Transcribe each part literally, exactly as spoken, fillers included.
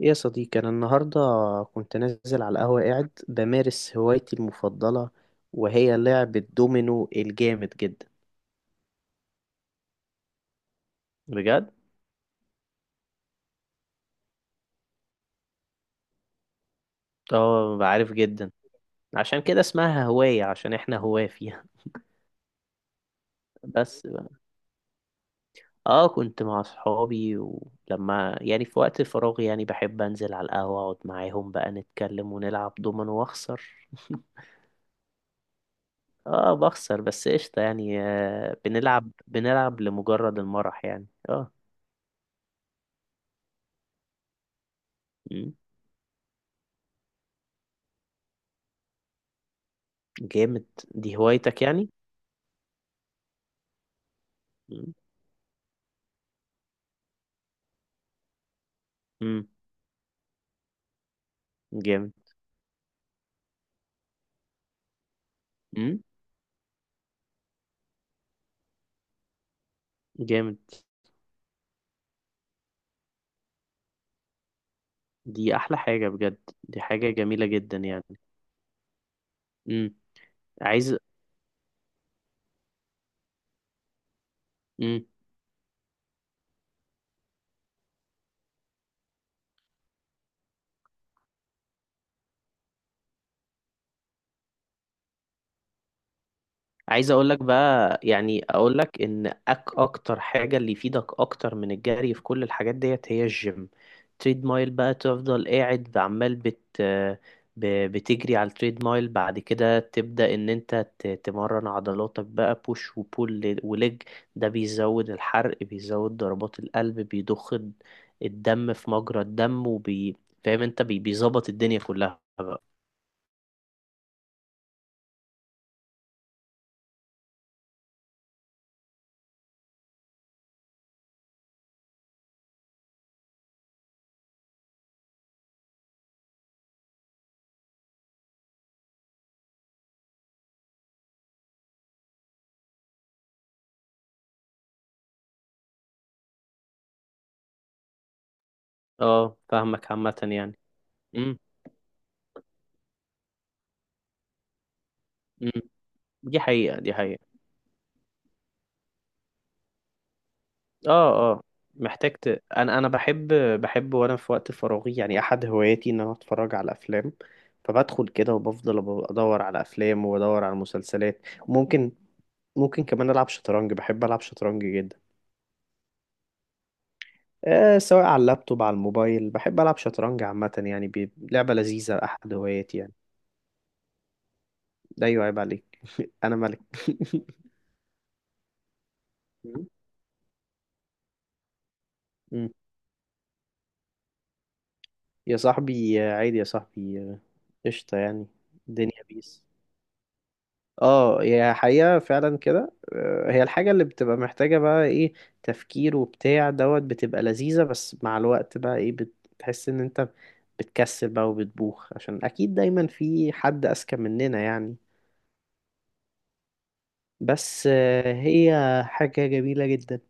يا صديقي، أنا النهاردة كنت نازل على القهوة قاعد بمارس هوايتي المفضلة، وهي لعب الدومينو الجامد جدا. بجد. اه عارف جدا. عشان كده اسمها هواية، عشان احنا هواة فيها. بس بقى. اه كنت مع صحابي، ولما يعني في وقت فراغي يعني بحب انزل على القهوة اقعد معاهم بقى، نتكلم ونلعب دومينو واخسر. اه بخسر، بس قشطة يعني. آه، بنلعب بنلعب لمجرد المرح يعني. اه. مم. جامد. دي هوايتك يعني؟ مم. مم. جامد. مم. جامد. دي احلى حاجة بجد. دي حاجة جميلة جدا يعني. مم. عايز. مم. عايز اقول لك بقى، يعني اقول لك ان أك اكتر حاجه اللي يفيدك اكتر من الجري في كل الحاجات ديت هي الجيم. تريد مايل بقى، تفضل قاعد عمال بت ب- بتجري على التريد مايل، بعد كده تبدا ان انت ت- تمرن عضلاتك بقى بوش وبول وليج. ده بيزود الحرق، بيزود ضربات القلب، بيضخ الد- الدم في مجرى الدم، وبي فاهم انت بي- بيظبط الدنيا كلها بقى. اه فاهمك عامه يعني. امم امم دي حقيقه، دي حقيقه. اه اه محتاج ت... انا انا بحب، بحب وانا في وقت فراغي يعني احد هواياتي ان انا اتفرج على افلام. فبدخل كده وبفضل أب- ادور على افلام وادور على مسلسلات. ممكن ممكن كمان العب شطرنج، بحب العب شطرنج جدا. آه، سواء على اللابتوب على الموبايل، بحب العب شطرنج عامة يعني. بي... لعبة لذيذة، احد هواياتي يعني. ده ايوه، عيب عليك. انا ملك. مم. يا صاحبي آه، عادي يا صاحبي آه، قشطة يعني. الدنيا بيس. اه، هي حقيقة فعلا كده آه، هي الحاجة اللي بتبقى محتاجة بقى ايه؟ تفكير وبتاع دوت، بتبقى لذيذة، بس مع الوقت بقى ايه، بتحس ان انت بتكسل بقى وبتبوخ، عشان اكيد دايما في حد اذكى مننا يعني. بس آه، هي حاجة جميلة جدا.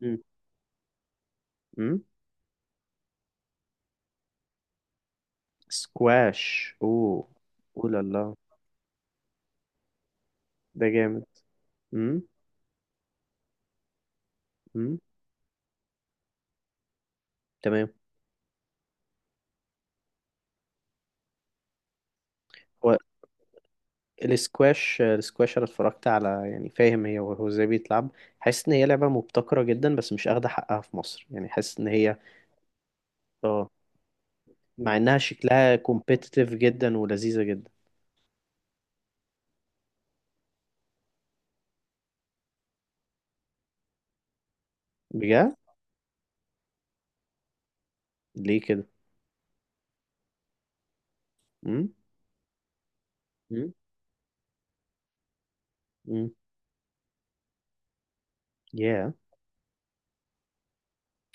مم. مم. سكواش، اوه. اوه لا لا. ده جامد. مم. مم. تمام. الاسكواش، الاسكواش، انا اتفرجت على يعني فاهم هي، وهو ازاي بيتلعب. حاسس ان هي لعبه مبتكره جدا، بس مش اخده حقها في مصر يعني، حاسس ان هي. اه. مع انها شكلها كومبيتيتيف جدا ولذيذه جدا. بجد؟ ليه كده؟ امم مم. امم يا.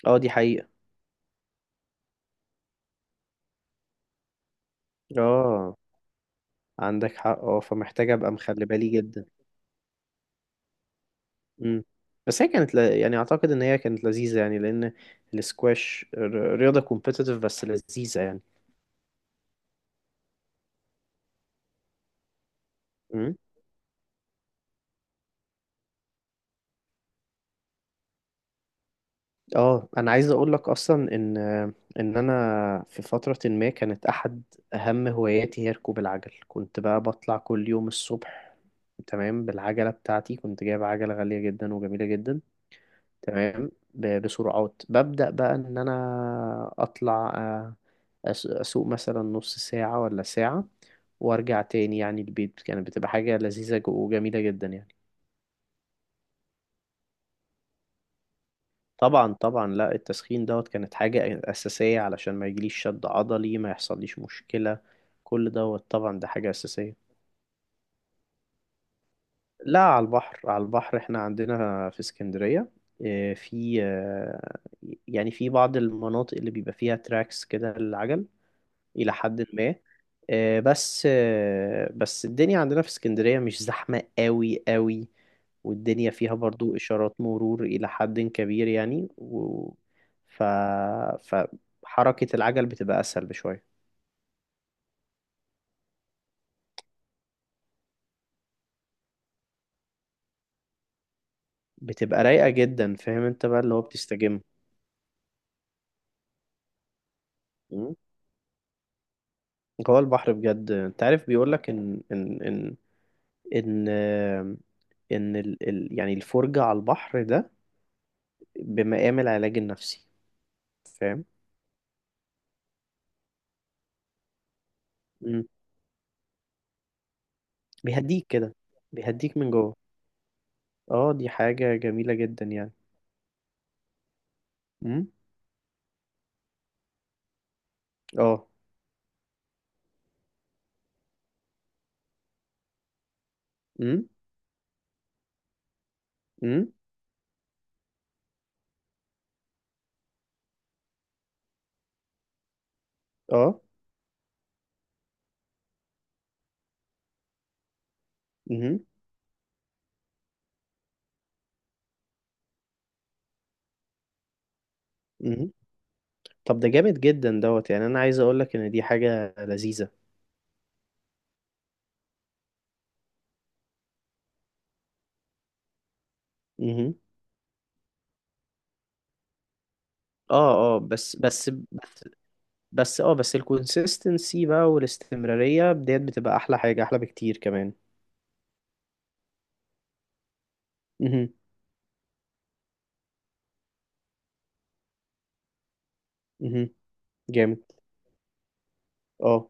اه دي حقيقه. اه، عندك حق، اه، فمحتاج ابقى مخلي بالي جدا. امم بس هي كانت ل... يعني اعتقد ان هي كانت لذيذه يعني، لان الاسكواش ر- رياضه كومبيتيتيف بس لذيذه يعني. اه انا عايز اقول لك اصلا ان ان انا في فتره ما كانت احد اهم هواياتي هي ركوب العجل. كنت بقى بطلع كل يوم الصبح، تمام، بالعجله بتاعتي. كنت جايب عجله غاليه جدا وجميله جدا. تمام، ب- بسرعات. ببدا بقى ان انا اطلع آه، أس- اسوق مثلا نص ساعه ولا ساعه وارجع تاني يعني البيت. كانت بتبقى حاجه لذيذه وجميله جدا يعني. طبعا طبعا لا، التسخين دوت كانت حاجة أساسية، علشان ما يجيليش شد عضلي، ما يحصليش مشكلة. كل دوت طبعا ده حاجة أساسية. لا، على البحر، على البحر، احنا عندنا في اسكندرية. آه، في آه، يعني في بعض المناطق اللي بيبقى فيها تراكس كده للعجل إلى حد ما. آه، بس آه، بس الدنيا عندنا في اسكندرية مش زحمة قوي قوي، والدنيا فيها برضو إشارات مرور إلى حد كبير يعني، و... ف... فحركة العجل بتبقى أسهل بشوية. بتبقى رايقة جدا، فاهم انت بقى، اللي هو بتستجم. مم. هو البحر بجد، انت عارف بيقولك ان ان ان ان آم، ان ال... ال... يعني الفرجة على البحر ده بمقام العلاج النفسي، فاهم. بيهديك كده، بيهديك من جوه. اه دي حاجة جميلة جدا يعني. امم اه. امم امم اه. امم امم طب ده جامد جدا دوت يعني، انا عايز اقول لك ان دي حاجة لذيذة. امم اه اه، بس بس بس بس اه، بس الكونسيستنسي بقى والاستمرارية ديت بتبقى احلى حاجة، احلى بكتير كمان. امم امم جامد. اه.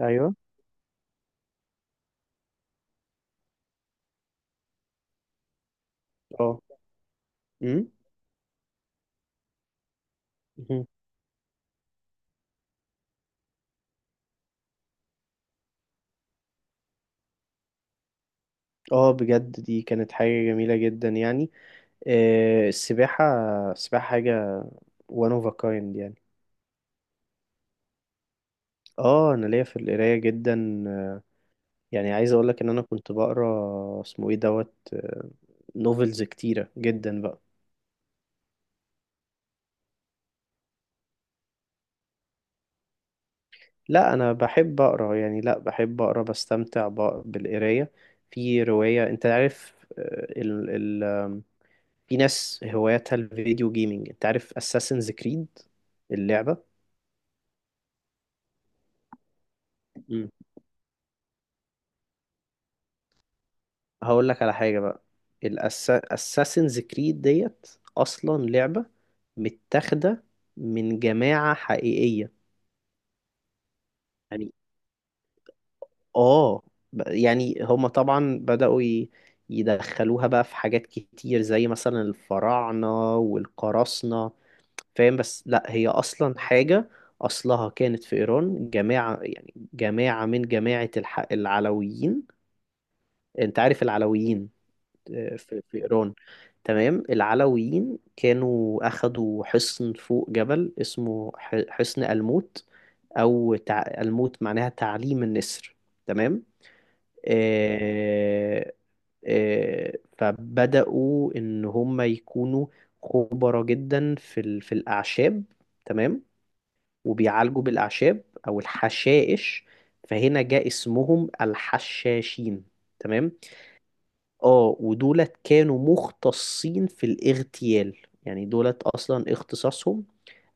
ايوه. اه. امم مهم. اه بجد دي كانت حاجة جميلة جدا يعني. آه، السباحة، السباحة حاجة وان اوف كايند يعني. اه انا ليا في القرايه جدا آه، يعني عايز اقول لك ان انا كنت بقرا اسمه ايه دوت آه، نوفلز كتيره جدا بقى. لا انا بحب اقرا يعني، لا بحب اقرا بستمتع بق- بالقرايه. في روايه، انت عارف آه، ال ال آم، في ناس هواياتها الفيديو جيمنج، انت عارف اساسنز كريد، اللعبه؟ هقول لك على حاجة بقى. الأساسنز كريد ديت أصلا لعبة متاخدة من جماعة حقيقية. يعني آه، ب- يعني هما طبعا بدأوا ي- يدخلوها بقى في حاجات كتير زي مثلا الفراعنة والقراصنة، فاهم. بس لأ، هي أصلا حاجة أصلها كانت في إيران. جماعة، يعني جماعة من جماعة الح... العلويين. أنت عارف العلويين في في إيران. تمام، العلويين كانوا أخدوا حصن فوق جبل اسمه ح- حصن الموت. أو تع... الموت معناها تعليم النسر، تمام. آه... آه... فبدأوا إن هم يكونوا خبراء جدا في ال... في الأعشاب، تمام. وبيعالجوا بالأعشاب أو الحشائش، فهنا جاء اسمهم الحشاشين، تمام. اه ودولت كانوا مختصين في الاغتيال. يعني دولت اصلا اختصاصهم،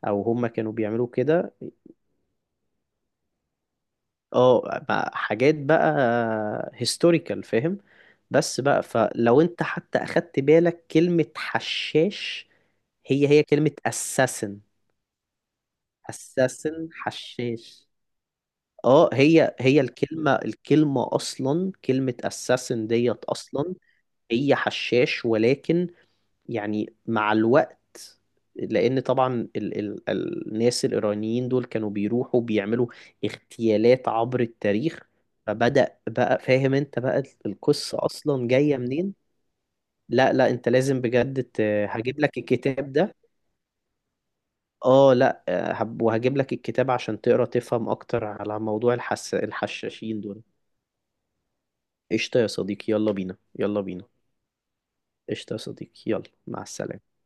او هم كانوا بيعملوا كده. اه، بقى حاجات بقى هيستوريكال، فاهم. بس بقى، فلو انت حتى اخدت بالك كلمة حشاش، هي هي كلمة assassin. assassin حشاش. اه، هي هي الكلمة، الكلمة اصلا كلمة assassin ديت اصلا هي حشاش. ولكن يعني مع الوقت، لأن طبعا ال ال الناس الإيرانيين دول كانوا بيروحوا بيعملوا اغتيالات عبر التاريخ، فبدأ بقى، فاهم انت بقى القصة أصلا جاية منين؟ لا لا انت لازم بجد ت- هجيب لك الكتاب ده. اه لا آه، هب- وهجيب لك الكتاب عشان تقرا تفهم اكتر على موضوع الحس الحشاشين دول. قشطة يا صديقي، يلا بينا يلا بينا. قشطة يا صديقي، يلا، مع السلامة.